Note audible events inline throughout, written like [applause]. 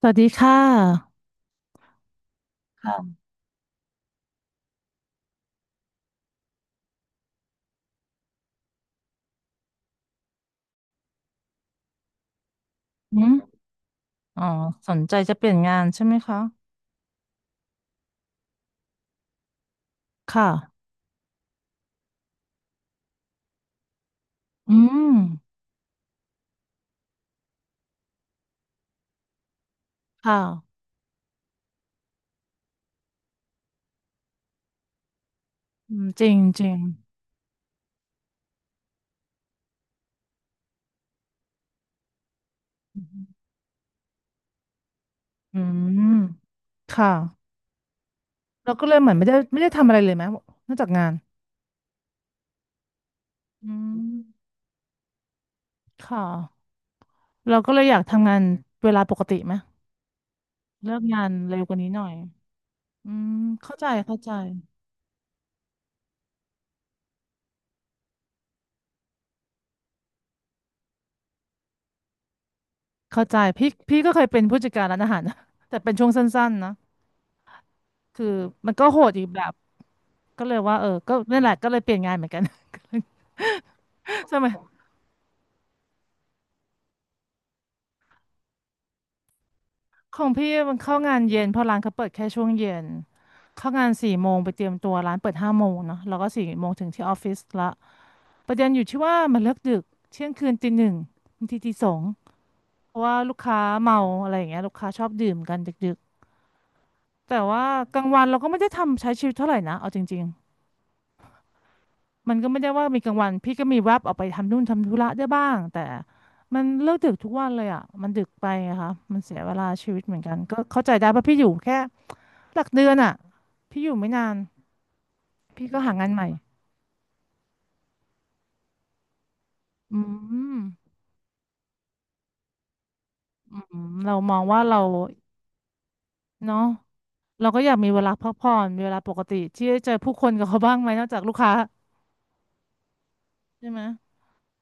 สวัสดีค่ะค่ะอืมอ๋อสนใจจะเปลี่ยนงานใช่ไหมคะค่ะอืมค่ะอืมจริงจริงอืมค่ะเราก็เลยเหมือนไม่ได้ทำอะไรเลยไหมนอกจากงานอืมค่ะเราก็เลยอยากทำงานเวลาปกติไหมเลิกงานเร็วกว่านี้หน่อยอืมเข้าใจเข้าใจเข้าใจพี่ก็เคยเป็นผู้จัดการร้านอาหารนะ [laughs] แต่เป็นช่วงสั้นๆนะ คือมันก็โหดอีกแบบก็เลยว่าเออก็นั่นแหละก็เลยเปลี่ยนงานเหมือนกัน [laughs] สมัยของพี่มันเข้างานเย็นเพราะร้านเขาเปิดแค่ช่วงเย็นเข้างานสี่โมงไปเตรียมตัวร้านเปิดห้าโมงเนาะแล้วก็สี่โมงถึงที่ออฟฟิศละประเด็นอยู่ที่ว่ามันเลิกดึกเที่ยงคืนตีหนึ่งบางทีตีสองเพราะว่าลูกค้าเมาอะไรอย่างเงี้ยลูกค้าชอบดื่มกันดึกๆแต่ว่ากลางวันเราก็ไม่ได้ทำใช้ชีวิตเท่าไหร่นะเอาจริง มันก็ไม่ได้ว่ามีกลางวันพี่ก็มีแวบออกไปทำนู่นทำธุระได้บ้างแต่มันเลิกดึกทุกวันเลยอ่ะมันดึกไปอะค่ะมันเสียเวลาชีวิตเหมือนกันก็เข้าใจได้เพราะพี่อยู่แค่หลักเดือนอ่ะพี่อยู่ไม่นานพี่ก็หางานใหม่อืมอืมเรามองว่าเราเนาะเราก็อยากมีเวลาพักผ่อนมีเวลาปกติที่จะเจอผู้คนกับเขาบ้างไหมนอกจากลูกค้าใช่ไหม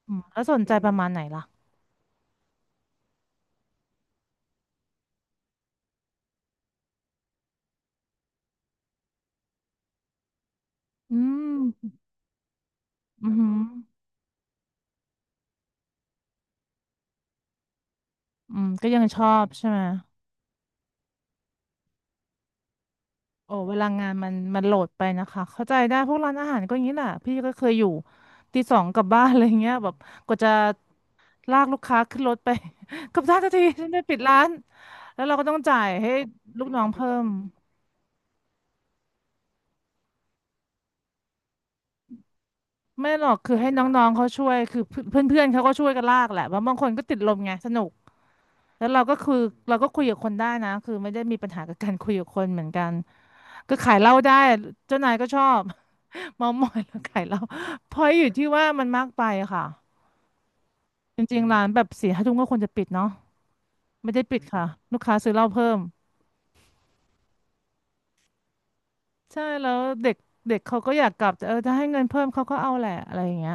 อืมแล้วสนใจประมาณไหนล่ะอืมอือหืออืมก็ยังชอบใช่ไหม โอ้เวลางานมันโหลดไปนะคะเข้าใจได้พวกร้านอาหารก็อย่างนี้แหละพี่ก็เคยอยู่ตีสองกลับบ้านอะไรเงี้ยแบบกว่าจะลากลูกค้าขึ้นรถไป [laughs] กลับได้ทันทีฉันจะปิดร้านแล้วเราก็ต้องจ่ายให้ลูกน้องเพิ่มไม่หรอกคือให้น้องๆเขาช่วยคือเพื่อนเพื่อนๆเขาก็ช่วยกันลากแหละว่าะบางคนก็ติดลมไงสนุกแล้วเราก็คือเราก็คุยกับคนได้นะคือไม่ได้มีปัญหากับการคุยกับคนเหมือนกันก็ขายเหล้าได้เจ้านายก็ชอบ [laughs] เมามอยแล้วขายเหล้าเพราะอยู่ที่ว่ามันมากไปอะค่ะ จริงๆร้านแบบสี่ห้าทุ่มก็ควรจะปิดเนาะไม่ได้ปิดค่ะลูกค้าซื้อเหล้าเพิ่มใช่แล้วเด็กเด็กเขาก็อยากกลับแต่เออถ้าให้เงินเพิ่มเขาก็เอาแหละอะไรอย่างเงี้ย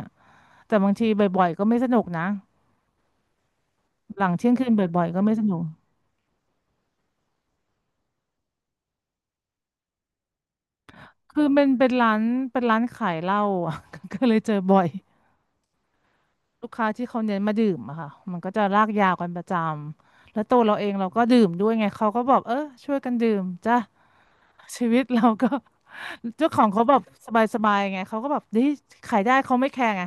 แต่บางทีบ่อยๆก็ไม่สนุกนะหลังเที่ยงคืนบ่อยๆก็ไม่สนุกคือเป็นร้านเป็นร้านขายเหล้าอะ [laughs] ก็เลยเจอบ่อย ลูกค้าที่เขาเน้นมาดื่มอะค่ะมันก็จะลากยาวกันประจำแล้วตัวเราเองเราก็ดื่มด้วยไงเขาก็บอกเออช่วยกันดื่มจ้ะ [laughs] ชีวิตเราก็ [laughs] เจ้าของเขาแบบสบายๆไงเขาก็แบบดีขายได้เขาไม่แคร์ไง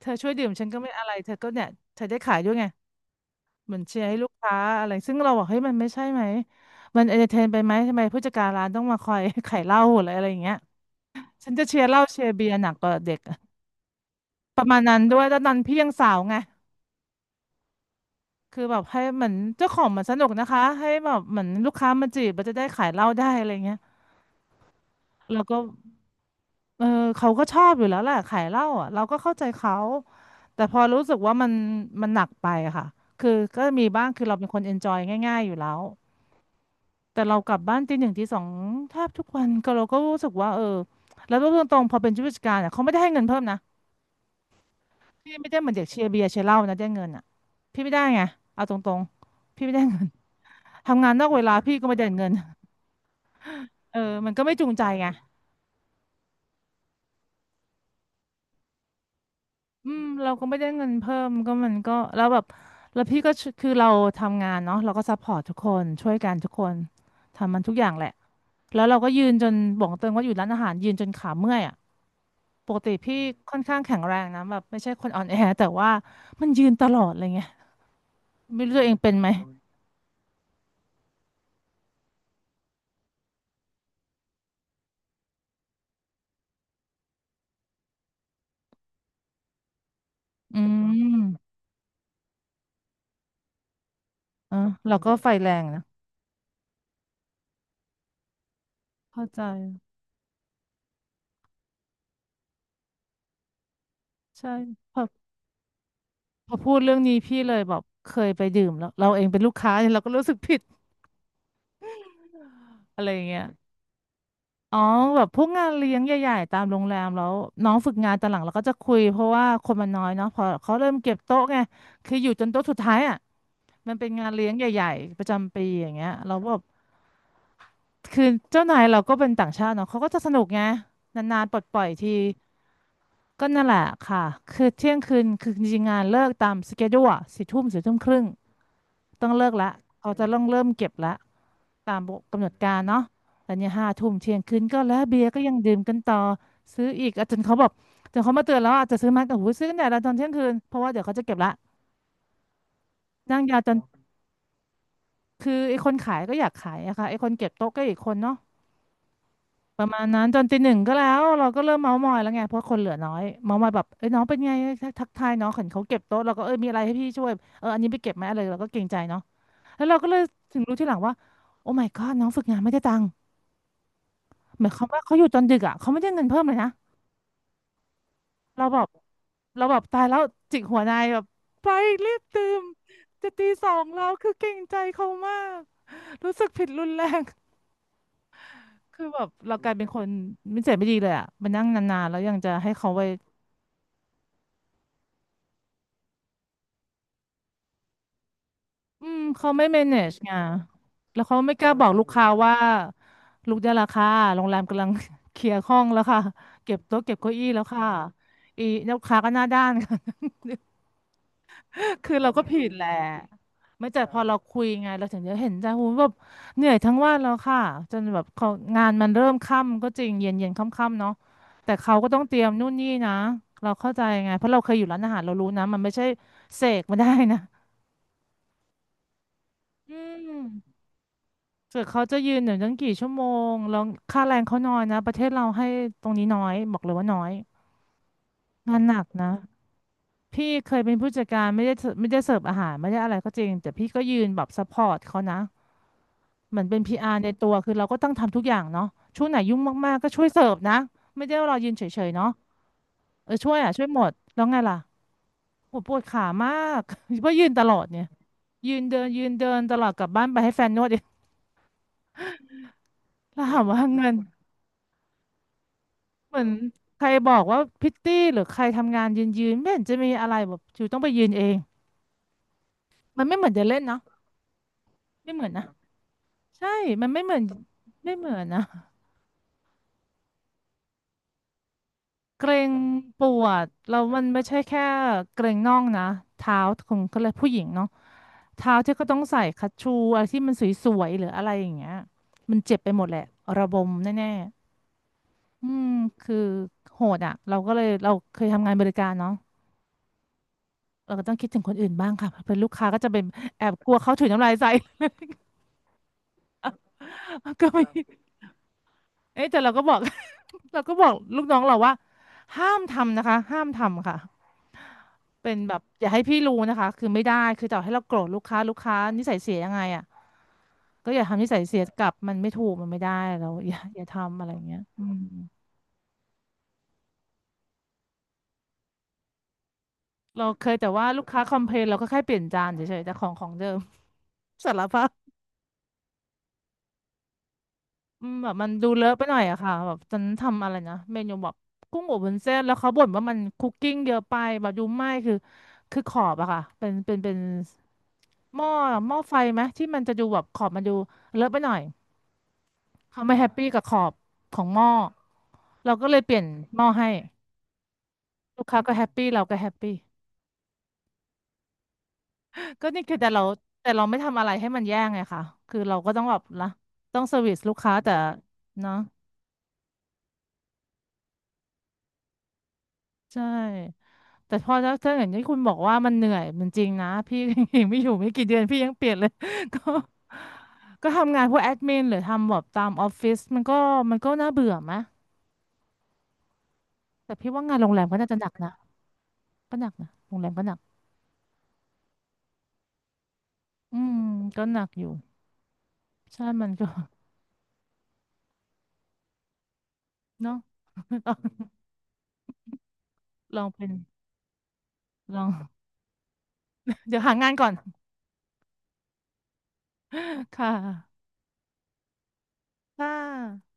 เธอช่วยดื่มฉันก็ไม่อะไรเธอก็เนี่ยเธอได้ขายด้วยไงเหมือนเชียร์ให้ลูกค้าอะไรซึ่งเราบอกเฮ้ยมันไม่ใช่ไหมมันเอนเตอร์เทนไปไหมทำไมผู้จัดการร้านต้องมาคอย [laughs] ขายเหล้าหรืออะไรอย่างเงี้ยฉันจะเชียร์เหล้าเชียร์เบียร์หนักกว่าเด็กอะประมาณนั้นด้วยแล้วตอนนั้นพี่ยังสาวไง คือแบบให้เหมือนเจ้าของมันสนุกนะคะให้แบบเหมือนลูกค้ามาจีบมันจะได้ขายเหล้าได้อะไรเงี้ยเราก็เออเขาก็ชอบอยู่แล้วแหละขายเหล้าอ่ะเราก็เข้าใจเขาแต่พอรู้สึกว่ามันหนักไปอะค่ะคือก็มีบ้างคือเราเป็นคนเอนจอยง่ายๆอยู่แล้วแต่เรากลับบ้านตีหนึ่งตีสองแทบทุกวันก็เราก็รู้สึกว่าเออแล้วพูดตรงๆพอเป็นผู้จัดการอ่ะเขาไม่ได้ให้เงินเพิ่มนะพี่ไม่ได้เหมือนเด็กเชียร์เบียร์เชียร์เหล้านะได้เงินอ่ะพี่ไม่ได้ไงเอาตรงๆพี่ไม่ได้เงินทำงานนอกเวลาพี่ก็ไม่ได้เงิน เออ มันก็ไม่จูงใจไงอืม เราก็ไม่ได้เงินเพิ่มก็มันก็แล้วแบบแล้วพี่ก็ชคือเราทำงานเนาะเราก็ซัพพอร์ตทุกคนช่วยกันทุกคนทำมันทุกอย่างแหละแล้วเราก็ยืนจนบอกเติงว่าอยู่ร้านอาหารยืนจนขาเมื่อยอ่ะปกติพี่ค่อนข้างแข็งแรงนะแบบไม่ใช่คนอ่อนแอแต่ว่ามันยืนตลอดอะไรเงี้ยไม่รู้ตัวเองเป็นไหมอืมเออเราก็ไฟแรงนะเข้าใจใช่พอพอพูดเรื่องนี้พี่เลยแบบเคยไปดื่มแล้วเราเองเป็นลูกค้าเนี่ยเราก็รู้สึกผิดอะไรอย่างเงี้ย อ๋อแบบพวกงานเลี้ยงใหญ่ๆตามโรงแรมแล้วน้องฝึกงานตอนหลังเราก็จะคุยเพราะว่าคนมันน้อยเนาะพอเขาเริ่มเก็บโต๊ะไงคืออยู่จนโต๊ะสุดท้ายอ่ะมันเป็นงานเลี้ยงใหญ่ๆประจำปีอย่างเงี้ยเราก็แบบคือเจ้านายเราก็เป็นต่างชาติเนาะเขาก็จะสนุกไงนานๆปลดปล่อยทีก็นั่นแหละค่ะคือเที่ยงคืนคือจริงๆงานเลิกตามสเกดูอะสี่ทุ่มสี่ทุ่มครึ่งต้องเลิกละเขาจะต้องเริ่มเก็บละ ตามกำหนดการเนาะแต่เนี่ยห้าทุ่มเที่ยงคืนก็แล้วเบียร์ก็ยังดื่มกันต่อซื้ออีกอ่ะจนเขาบอกจนเขามาเตือนแล้วอาจจะซื้อมาแต่หูซื้อกันแต่ละตอนเที่ยงคืนเพราะว่าเดี๋ยวเขาจะเก็บละนั่งยาวจนคือไอ้คนขายก็อยากขายอะค่ะไอ้คนเก็บโต๊ะก็อีกคนเนาะประมาณนั้นจนตีหนึ่งก็แล้วเราก็เริ่มเมาท์มอยแล้วไงเพราะคนเหลือน้อยเมาท์มอยแบบเอ้ยน้องเป็นไงทักทายน้องเห็นเขาเก็บโต๊ะเราก็เอ้ยมีอะไรให้พี่ช่วยเอออันนี้ไปเก็บไหมอะไรเราก็เกรงใจเนาะแล้วเราก็เลยถึงรู้ทีหลังว่าโอ้ my god น้องฝึกงานไม่ได้ตังค์ เหมือนเขาว่าเขาอยู่จนดึกอ่ะเขาไม่ได้เงินเพิ่มเลยนะเราแบบเราแบบตายแล้วจิกหัวนายแบบไปรีบตื่นจะตีสองแล้วคือเกรงใจเขามากรู้สึกผิดรุนแรงคือแบบเรากลายเป็นคนไม่เจ็บไม่ดีเลยอ่ะมานั่งนานๆแล้วยังจะให้เขาไปอืมเขาไม่ manage ไงแล้วเขาไม่กล้าบอกลูกค้าว่าลูกได้ราคาโรงแรมกำลัง [laughs] เคลียร์ห้องแล้วค่ะเก็บโต๊ะเก็บเก้าอี้แล้วค่ะอีลูกค้าก็หน้าด้านค่ะ [laughs] คือเราก็ผิดแหละไม่แต่พอเราคุยไงเราถึงจะเห็นใจโอ้โหูแบบเหนื่อยทั้งวันแล้วค่ะจนแบบเขางานมันเริ่มค่ำก็จริงเย็นเย็นค่ำๆเนาะแต่เขาก็ต้องเตรียมนู่นนี่นะเราเข้าใจไงเพราะเราเคยอยู่ร้านอาหารเรารู้นะมันไม่ใช่เสกมาได้นะอืมเกิดเขาจะยืนหนึ่งตั้งกี่ชั่วโมงแล้วค่าแรงเขาน้อยนะประเทศเราให้ตรงนี้น้อยบอกเลยว่าน้อยงานหนักนะ พี่เคยเป็นผู้จัดการไม่ได้เสิร์ฟไม่ได้เสิร์ฟอาหารไม่ได้อะไรก็จริงแต่พี่ก็ยืนแบบซัพพอร์ตเขานะเหมือนเป็น PR ในตัวคือเราก็ต้องทำทุกอย่างเนาะช่วงไหนยุ่งมากๆก็ช่วยเสิร์ฟนะไม่ได้ว่ารอยืนเฉยๆเนาะเออช่วยอ่ะช่วยหมดแล้วไงล่ะโหปวดขามาก [laughs] เพราะยืนตลอดเนี่ยยืนเดินตลอดกลับบ้านไปให้แฟนนวด [laughs] เองแล้วถามว่าเงินเหมือนใครบอกว่าพิตตี้หรือใครทำงานยืนไม่เห็นจะมีอะไรแบบอยู่ต้องไปยืนเองมันไม่เหมือนเดินเล่นเนาะไม่เหมือนนะ ใช่ มันไม่เหมือนนะเกรงปวดแล้วมันไม่ใช่แค่เกรงน่องนะเท้าของเขาเลยกผู้หญิงเนาะเท้าที่ก็ต้องใส่คัชชูอะไรที่มันสวยๆหรืออะไรอย่างเงี้ยมันเจ็บไปหมดแหละระบมแน่ๆอืมคือโหดอ่ะเราก็เลยเราเคยทำงานบริการเนาะเราก็ต้องคิดถึงคนอื่นบ้างค่ะเป็นลูกค้าก็จะเป็นแอบกลัวเขาถุยน้ำลายใส่ [laughs] ก็ไม่เอ๊ะแต่เราก็บอก [laughs] เราก็บอกลูกน้องเราว่าห้ามทำนะคะห้ามทำค่ะ เป็นแบบอย่าให้พี่รู้นะคะคือไม่ได้คือต่อให้เราโกรธลูกค้าลูกค้านิสัยเสียยังไงอ่ะก็อย่าทำนิสัยเสียกลับมันไม่ถูกมันไม่ได้เราอย่าทำอะไรอย่างเงี้ยอืมเราเคยแต่ว่าลูกค้าคอมเพลนเราก็แค่เปลี่ยนจานเฉยๆแต่ของเดิม [laughs] สารภาพอืมแบบมันดูเลอะไปหน่อยอะค่ะแบบฉันทำอะไรนะเมนูแบบกุ้งอบวุ้นเส้นแล้วเขาบ่นว่ามันคุกกิ้งเยอะไปแบบดูไหม้คือคือขอบอะค่ะเป็นหม้อหม้อไฟไหมที่มันจะดูแบบขอบมันดูเลอะไปหน่อย เขาไม่แฮปปี้กับขอบของหม้อเราก็เลยเปลี่ยนหม้อให้ลูกค้าก็แฮปปี้เราก็แฮปปี้ [laughs] ก็นี่คือแต่เราไม่ทำอะไรให้มันแย่ไงค่ะ คือเราก็ต้องแบบนะต้องเซอร์วิสลูกค้าแต่เนาะใช่แต่พอถ้าอย่างที่คุณบอกว่ามันเหนื่อยมันจริงนะพี่ [laughs] ยังไม่อยู่ไม่กี่เดือนพี่ยังเปลี่ยนเลย [laughs] ก็ก็ทำงานพวกแอดมินหรือทำแบบตามออฟฟิศมันก็น่าเบื่อไหมแต่พี่ว่างานโรงแรมก็น่าจะหนักนะก็หนักนะโรงแรมก็หนักอืมก็หนักอยู่ ใช่มันก็ [laughs] เนาะ [laughs] ลองเป็น ลอง [laughs] เดี๋ยวหางานก่อน [laughs] ค่ะค่ะ